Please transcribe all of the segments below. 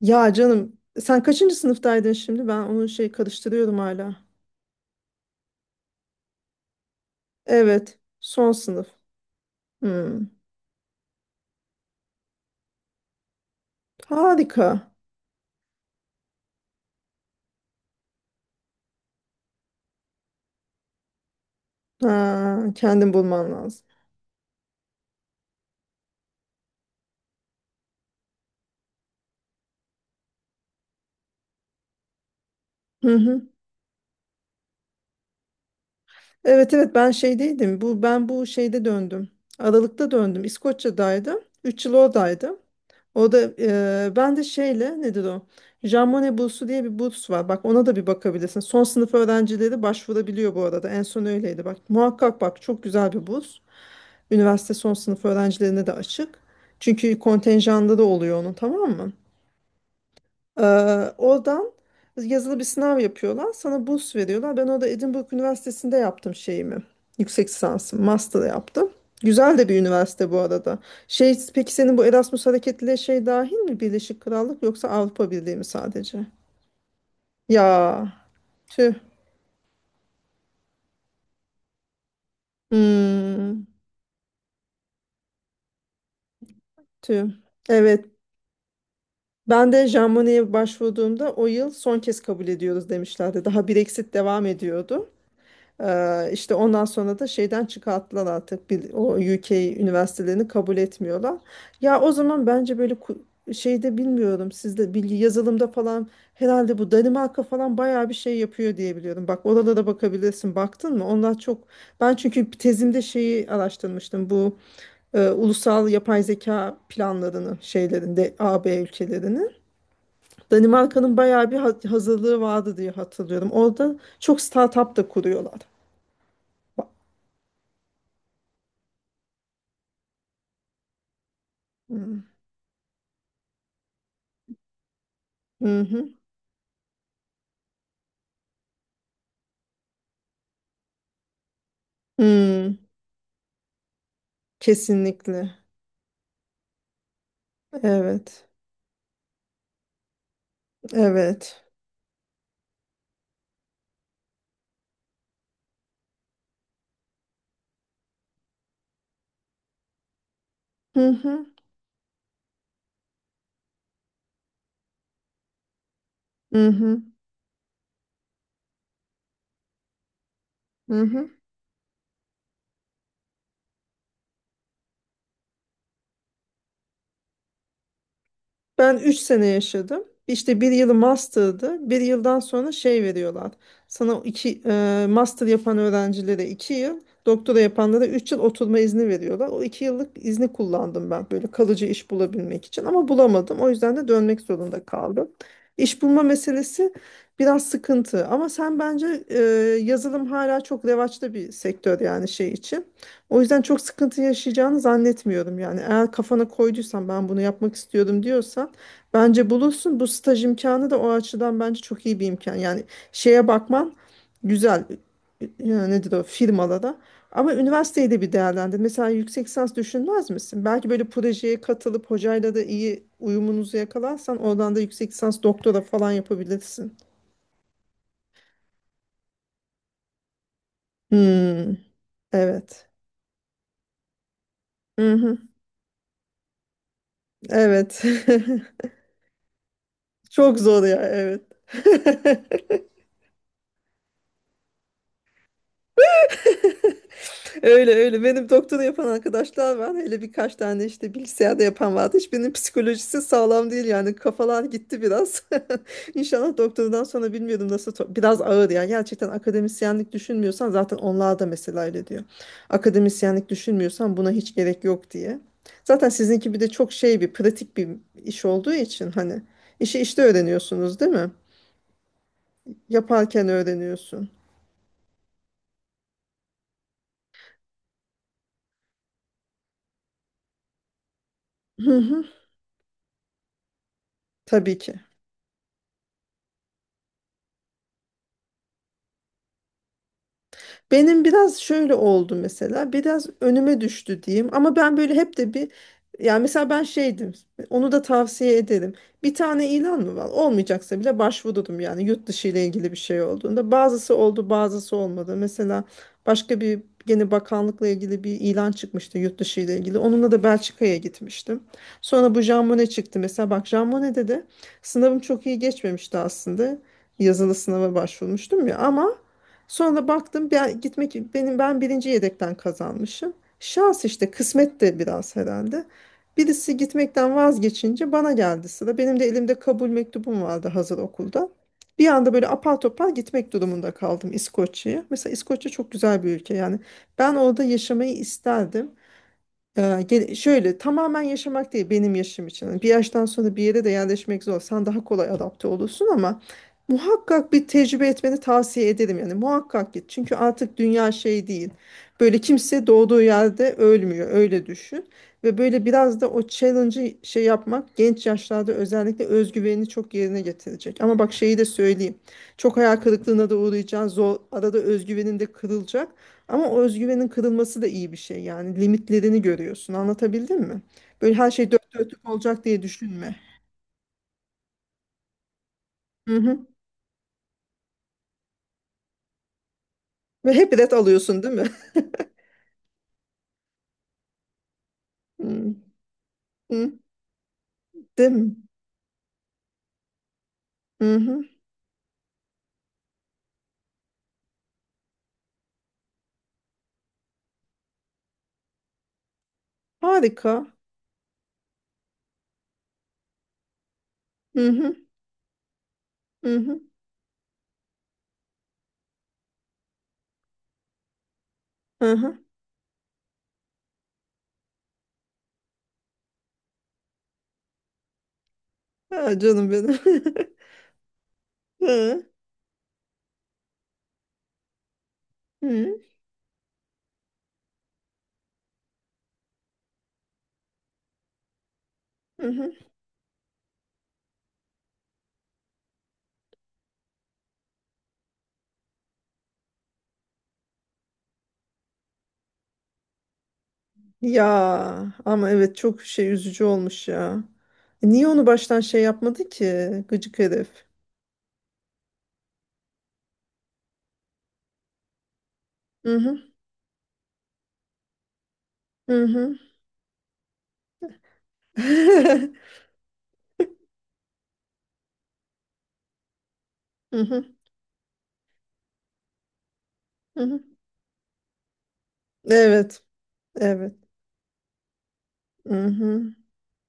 Ya canım sen kaçıncı sınıftaydın şimdi? Ben onu şey karıştırıyorum hala. Evet, son sınıf. Hmm. Harika. Ha, kendin bulman lazım. Hı hı. Evet, evet, ben şeydeydim. Bu ben bu şeyde döndüm. Aralık'ta döndüm. İskoçya'daydım. 3 yıl oradaydım. O da ben de şeyle nedir o? Jean Monnet bursu diye bir burs var. Bak ona da bir bakabilirsin. Son sınıf öğrencileri başvurabiliyor bu arada. En son öyleydi. Bak muhakkak bak, çok güzel bir burs. Üniversite son sınıf öğrencilerine de açık. Çünkü kontenjanda da oluyor onun, tamam mı? Ee, Oradan yazılı bir sınav yapıyorlar. Sana burs veriyorlar. Ben orada Edinburgh Üniversitesi'nde yaptım şeyimi. Yüksek lisansım, master yaptım. Güzel de bir üniversite bu arada. Şey, peki senin bu Erasmus hareketliliğe şey dahil mi? Birleşik Krallık yoksa Avrupa Birliği mi sadece? Ya tüh. Hmm, tüh. Evet, ben de Jean Monnet'e başvurduğumda o yıl son kez kabul ediyoruz demişlerdi. Daha Brexit devam ediyordu. İşte ondan sonra da şeyden çıkarttılar artık bir, o UK üniversitelerini kabul etmiyorlar. Ya o zaman bence böyle şeyde bilmiyorum sizde bilgi yazılımda falan herhalde bu Danimarka falan bayağı bir şey yapıyor diye biliyorum. Bak oralara bakabilirsin. Baktın mı? Onlar çok, ben çünkü tezimde şeyi araştırmıştım. Bu ulusal yapay zeka planlarını şeylerinde AB ülkelerini. Danimarka'nın bayağı bir hazırlığı vardı diye hatırlıyorum. Orada çok startup da kuruyorlar. Hmm. Hı hı. Hmm. Kesinlikle. Evet. Evet. Hı hı. Hı hı. Hı hı. Ben 3 sene yaşadım. İşte bir yılı master'dı. Bir yıldan sonra şey veriyorlar. Sana iki, master yapan öğrencilere 2 yıl, doktora yapanlara 3 yıl oturma izni veriyorlar. O 2 yıllık izni kullandım ben böyle kalıcı iş bulabilmek için ama bulamadım. O yüzden de dönmek zorunda kaldım. İş bulma meselesi biraz sıkıntı ama sen bence yazılım hala çok revaçta bir sektör yani şey için. O yüzden çok sıkıntı yaşayacağını zannetmiyorum yani. Eğer kafana koyduysan ben bunu yapmak istiyorum diyorsan bence bulursun. Bu staj imkanı da o açıdan bence çok iyi bir imkan. Yani şeye bakman güzel. Yani nedir o firmalara. Ama üniversiteyi de bir değerlendir. Mesela yüksek lisans düşünmez misin? Belki böyle projeye katılıp hocayla da iyi uyumunuzu yakalarsan oradan da yüksek lisans doktora falan yapabilirsin. Hmm, evet. Hı hı, evet. Çok zor ya, evet. Öyle öyle. Benim doktora yapan arkadaşlar var. Hele birkaç tane işte bilgisayarda yapan vardı. Hiçbirinin psikolojisi sağlam değil yani. Kafalar gitti biraz. İnşallah doktordan sonra bilmiyorum nasıl. Biraz ağır yani. Gerçekten akademisyenlik düşünmüyorsan zaten onlar da mesela öyle diyor. Akademisyenlik düşünmüyorsan buna hiç gerek yok diye. Zaten sizinki bir de çok şey bir pratik bir iş olduğu için hani işi işte öğreniyorsunuz değil mi? Yaparken öğreniyorsun. Hı hı. Tabii ki. Benim biraz şöyle oldu mesela. Biraz önüme düştü diyeyim. Ama ben böyle hep de bir, yani mesela ben şeydim. Onu da tavsiye ederim. Bir tane ilan mı var, olmayacaksa bile başvurdum yani yurt dışı ile ilgili bir şey olduğunda. Bazısı oldu, bazısı olmadı. Mesela başka bir, gene bakanlıkla ilgili bir ilan çıkmıştı yurt dışı ile ilgili. Onunla da Belçika'ya gitmiştim. Sonra bu Jean Monnet çıktı. Mesela bak Jean Monnet'de de sınavım çok iyi geçmemişti aslında. Yazılı sınava başvurmuştum ya, ama sonra baktım ben gitmek benim ben birinci yedekten kazanmışım. Şans işte, kısmet de biraz herhalde. Birisi gitmekten vazgeçince bana geldi sıra. Benim de elimde kabul mektubum vardı hazır okulda. Bir anda böyle apar topar gitmek durumunda kaldım İskoçya'ya. Mesela İskoçya çok güzel bir ülke yani. Ben orada yaşamayı isterdim. Şöyle tamamen yaşamak değil benim yaşım için. Hani bir yaştan sonra bir yere de yerleşmek zor. Sen daha kolay adapte olursun ama muhakkak bir tecrübe etmeni tavsiye ederim. Yani muhakkak git. Çünkü artık dünya şey değil. Böyle kimse doğduğu yerde ölmüyor. Öyle düşün. Ve böyle biraz da o challenge'ı şey yapmak genç yaşlarda özellikle özgüvenini çok yerine getirecek. Ama bak şeyi de söyleyeyim. Çok hayal kırıklığına da uğrayacaksın. Zor, arada özgüvenin de kırılacak. Ama o özgüvenin kırılması da iyi bir şey yani, limitlerini görüyorsun, anlatabildim mi? Böyle her şey dört dörtlük olacak diye düşünme. Hı hı. Ve hep ret alıyorsun değil mi? Hı hı. Değil mi? Hı hı. Harika. Hı hı. Hı hı. Hı hı. Ha, canım benim. Hı hı. Hı hı. Ya ama evet, çok şey üzücü olmuş ya. Niye onu baştan şey yapmadı ki gıcık herif? Hı hı. Hı hı. Hı hı. Hı hı. Evet. Evet. Mhm.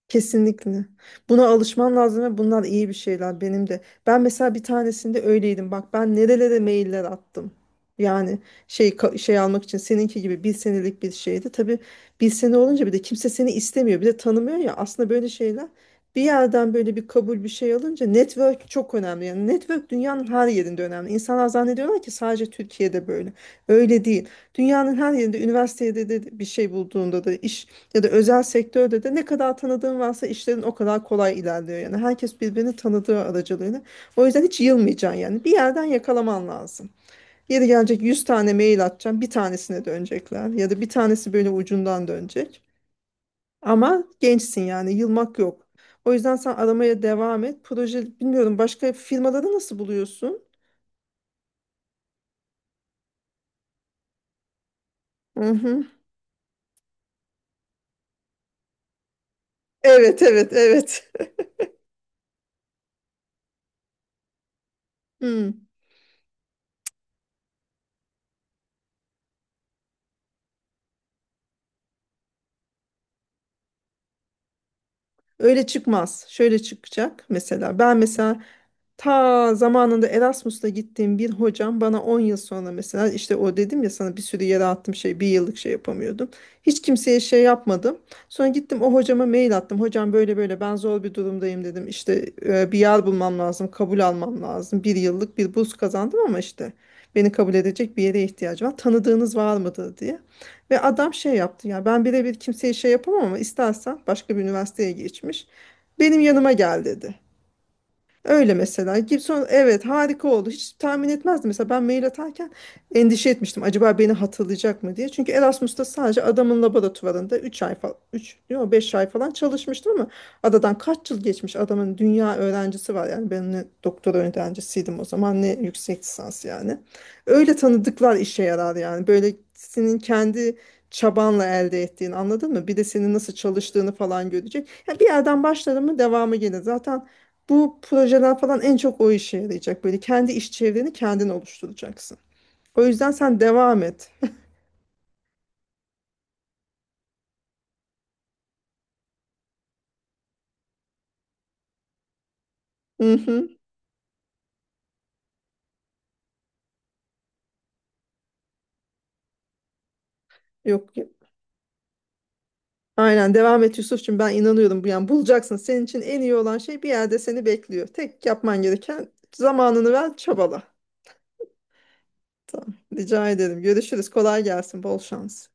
Kesinlikle. Buna alışman lazım ve bunlar iyi bir şeyler benim de. Ben mesela bir tanesinde öyleydim. Bak ben nerelere mailler attım. Yani şey şey almak için seninki gibi bir senelik bir şeydi. Tabii bir sene olunca bir de kimse seni istemiyor, bir de tanımıyor ya. Aslında böyle şeyler bir yerden böyle bir kabul bir şey alınca network çok önemli. Yani network dünyanın her yerinde önemli. İnsanlar zannediyorlar ki sadece Türkiye'de böyle. Öyle değil. Dünyanın her yerinde üniversitede de bir şey bulduğunda da iş ya da özel sektörde de ne kadar tanıdığın varsa işlerin o kadar kolay ilerliyor yani. Herkes birbirini tanıdığı aracılığıyla. O yüzden hiç yılmayacaksın yani. Bir yerden yakalaman lazım. Yeri gelecek 100 tane mail atacaksın. Bir tanesine dönecekler ya da bir tanesi böyle ucundan dönecek. Ama gençsin yani, yılmak yok. O yüzden sen aramaya devam et. Proje bilmiyorum, başka firmaları nasıl buluyorsun? Hı hı. Evet, evet, evet. Hmm. Öyle çıkmaz. Şöyle çıkacak mesela. Ben mesela ta zamanında Erasmus'ta gittiğim bir hocam bana 10 yıl sonra mesela işte o dedim ya sana bir sürü yere attım şey bir yıllık şey yapamıyordum. Hiç kimseye şey yapmadım. Sonra gittim o hocama mail attım. Hocam böyle böyle ben zor bir durumdayım dedim. İşte bir yer bulmam lazım, kabul almam lazım. Bir yıllık bir burs kazandım ama işte beni kabul edecek bir yere ihtiyacım var. Tanıdığınız var mıdır diye. Ve adam şey yaptı ya ben birebir kimseye şey yapamam ama istersen başka bir üniversiteye geçmiş. Benim yanıma gel dedi. Öyle mesela. Gibson, evet, harika oldu. Hiç tahmin etmezdim. Mesela ben mail atarken endişe etmiştim. Acaba beni hatırlayacak mı diye. Çünkü Erasmus'ta sadece adamın laboratuvarında 3 ay falan, 3 yok, 5 ay falan çalışmıştım ama adadan kaç yıl geçmiş adamın dünya öğrencisi var. Yani ben ne doktora öğrencisiydim o zaman ne yüksek lisans yani. Öyle tanıdıklar işe yarar yani. Böyle senin kendi çabanla elde ettiğini anladın mı? Bir de senin nasıl çalıştığını falan görecek. Yani bir yerden başladın mı devamı gelir. Zaten bu projeler falan en çok o işe yarayacak. Böyle kendi iş çevreni kendin oluşturacaksın. O yüzden sen devam et. Hı hı. Yok, yok. Aynen devam et Yusuf'cum, ben inanıyorum bu yani bulacaksın. Senin için en iyi olan şey bir yerde seni bekliyor. Tek yapman gereken zamanını ver, çabala. Tamam. Rica ederim. Görüşürüz. Kolay gelsin. Bol şans.